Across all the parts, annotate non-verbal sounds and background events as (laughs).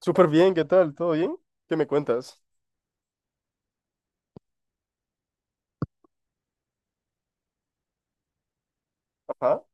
Súper bien, ¿qué tal? ¿Todo bien? ¿Qué me cuentas? Ajá.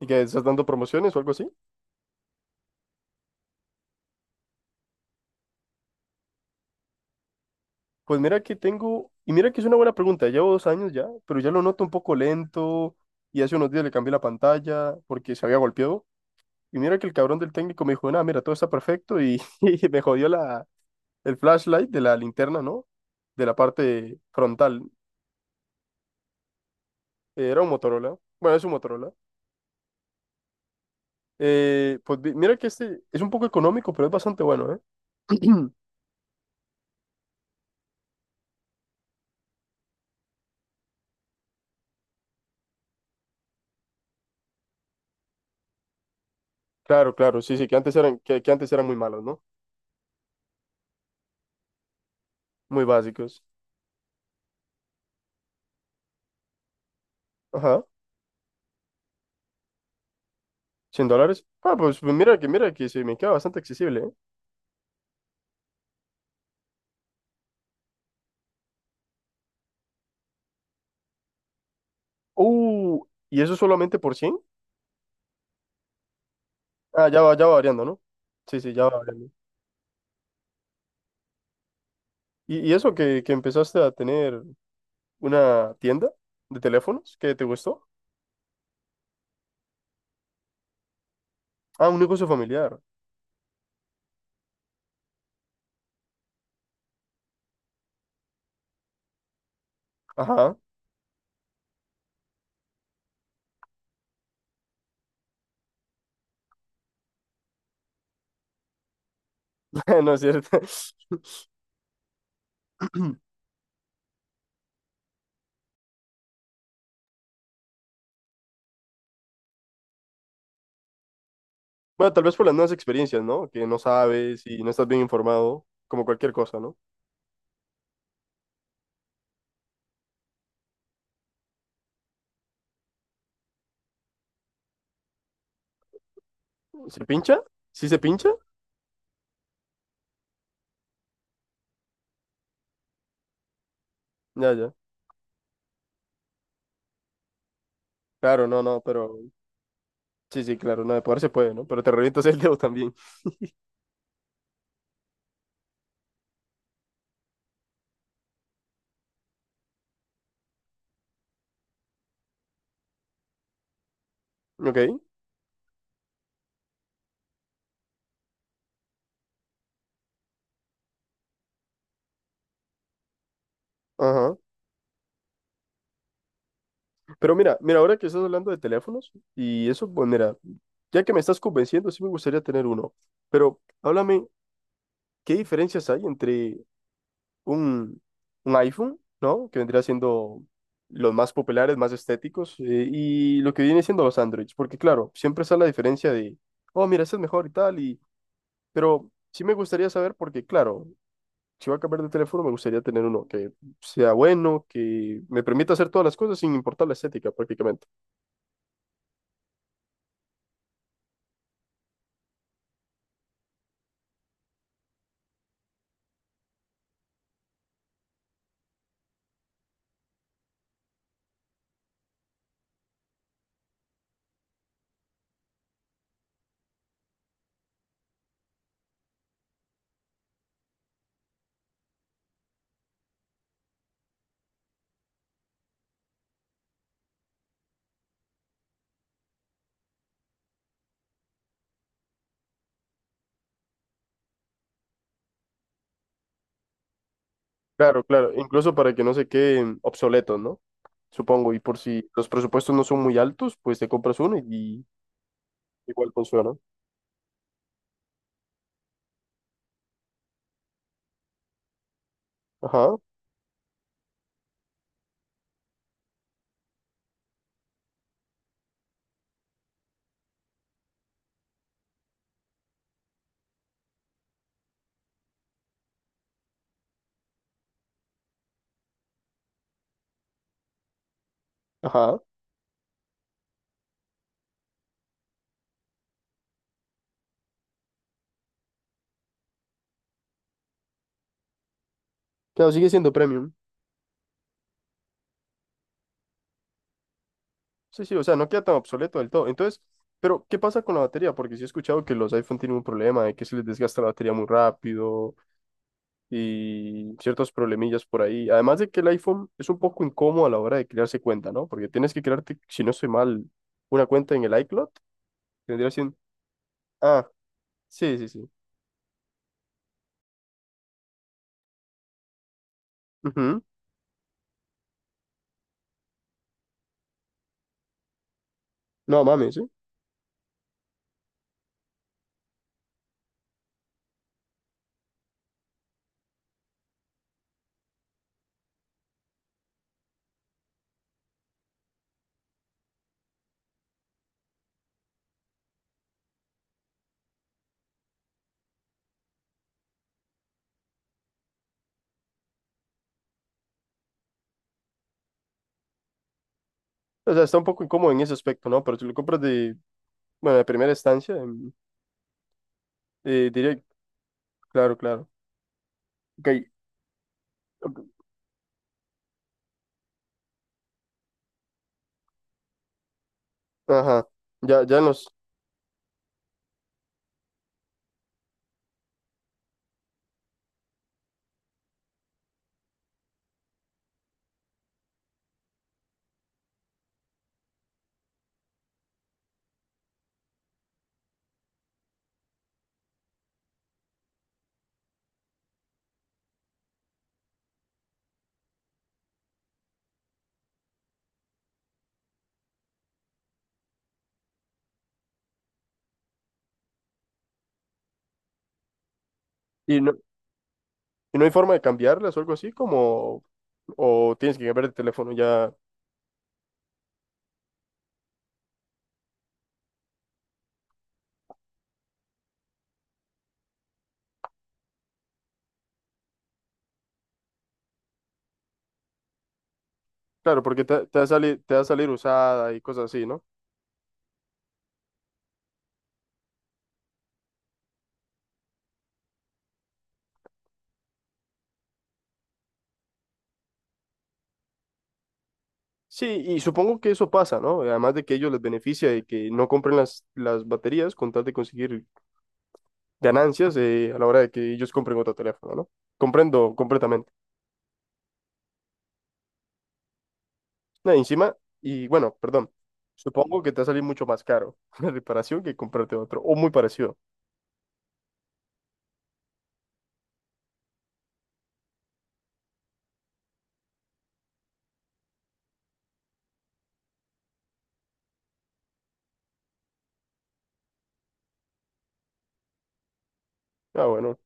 ¿Y que estás dando promociones o algo así? Pues mira que tengo, y mira que es una buena pregunta, llevo 2 años ya, pero ya lo noto un poco lento y hace unos días le cambié la pantalla porque se había golpeado. Y mira que el cabrón del técnico me dijo, nada, mira, todo está perfecto y, (laughs) y me jodió la, el flashlight de la linterna, ¿no? De la parte frontal. Era un Motorola, bueno, es un Motorola. Pues mira que este es un poco económico, pero es bastante bueno, ¿eh? (clears throat) Claro, claro, sí, sí, que antes eran, que antes eran muy malos, ¿no? Muy básicos. Ajá. ¿100 dólares? Ah, pues mira que se me queda bastante accesible, ¿eh? ¿Y eso solamente por 100? Ah, ya va variando, ¿no? Sí, sí, ya va variando. ¿Y eso que empezaste a tener una tienda de teléfonos que te gustó? Ah, un negocio familiar. Ajá. (laughs) No es cierto. (clears throat) Bueno, tal vez por las nuevas experiencias, ¿no? Que no sabes y no estás bien informado, como cualquier cosa, ¿no? ¿Se pincha? ¿Sí se pincha? Ya, ya. Claro, no, no, pero sí, sí, claro, no, de poder se puede, ¿no? Pero te revientas el dedo también. Ok, ajá. Pero mira, mira, ahora que estás hablando de teléfonos y eso, pues mira, ya que me estás convenciendo, sí me gustaría tener uno. Pero háblame, ¿qué diferencias hay entre un, un iPhone? ¿No? Que vendría siendo los más populares, más estéticos, y lo que viene siendo los Androids. Porque claro, siempre está la diferencia de, oh, mira, este es mejor y tal, y, pero sí me gustaría saber porque, claro, si voy a cambiar de teléfono, me gustaría tener uno que sea bueno, que me permita hacer todas las cosas sin importar la estética prácticamente. Claro, claro, incluso para que no se queden obsoletos, ¿no? Supongo, y por si los presupuestos no son muy altos, pues te compras uno y igual funciona. Ajá, ajá. Claro, sigue siendo premium. Sí, sí, o sea, no queda tan obsoleto del todo. Entonces, pero ¿qué pasa con la batería? Porque sí he escuchado que los iPhone tienen un problema de que se les desgasta la batería muy rápido, y ciertos problemillas por ahí. Además de que el iPhone es un poco incómodo a la hora de crearse cuenta, ¿no? Porque tienes que crearte, si no estoy mal, una cuenta en el iCloud. Tendría siendo... Ah, sí, sí, sí. Ujú. No, mami, sí. O sea, está un poco incómodo en ese aspecto, ¿no? Pero si lo compras de, bueno, de primera instancia, diría, claro, claro. Ok, ok, ajá. Ya, ya nos... Y no, y no hay forma de cambiarlas o algo así, como... O tienes que cambiar de teléfono ya... Claro, porque te va a salir, te va a salir usada y cosas así, ¿no? Sí, y supongo que eso pasa, ¿no? Además de que ellos les beneficia de que no compren las baterías con tal de conseguir ganancias a la hora de que ellos compren otro teléfono, ¿no? Comprendo completamente. No, encima, y bueno, perdón, supongo que te va a salir mucho más caro (laughs) la reparación que comprarte otro, o muy parecido. Ah, bueno,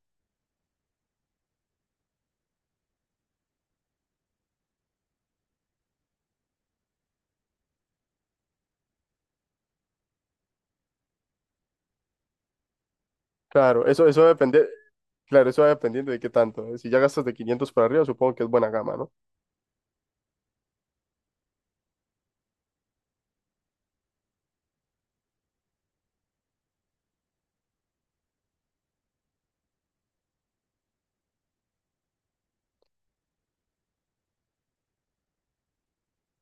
claro, eso va a depender, claro, eso va dependiendo de qué tanto, ¿eh? Si ya gastas de 500 para arriba, supongo que es buena gama, ¿no?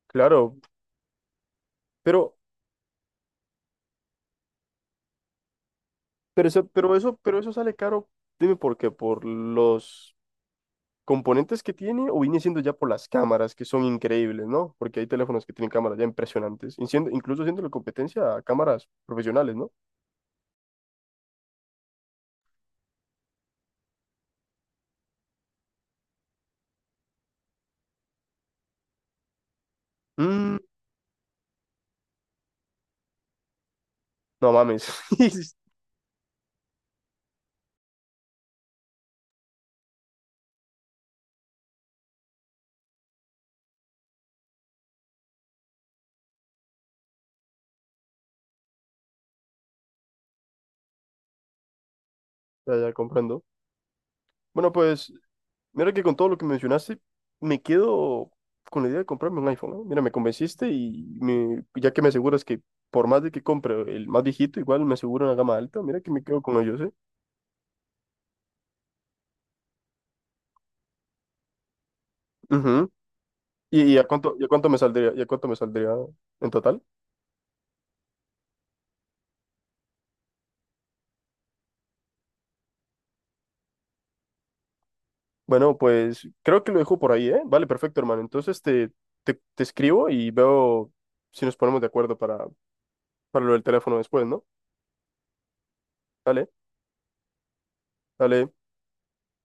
Claro, pero, pero eso sale caro, dime por qué, por los... componentes que tiene o viene siendo ya por las cámaras, que son increíbles, ¿no? Porque hay teléfonos que tienen cámaras ya impresionantes, y incluso siendo la competencia a cámaras profesionales, ¿no? Mm, no mames. (laughs) Ya, ya comprendo. Bueno, pues, mira que con todo lo que mencionaste, me quedo con la idea de comprarme un iPhone, ¿no? Mira, me convenciste y ya que me aseguras que por más de que compre el más viejito, igual me aseguro una gama alta, mira que me quedo con ellos, ¿eh? Ujú. ¿Y a cuánto me saldría en total? Bueno, pues creo que lo dejo por ahí, ¿eh? Vale, perfecto, hermano. Entonces te, te escribo y veo si nos ponemos de acuerdo para, lo del teléfono después, ¿no? Dale, dale.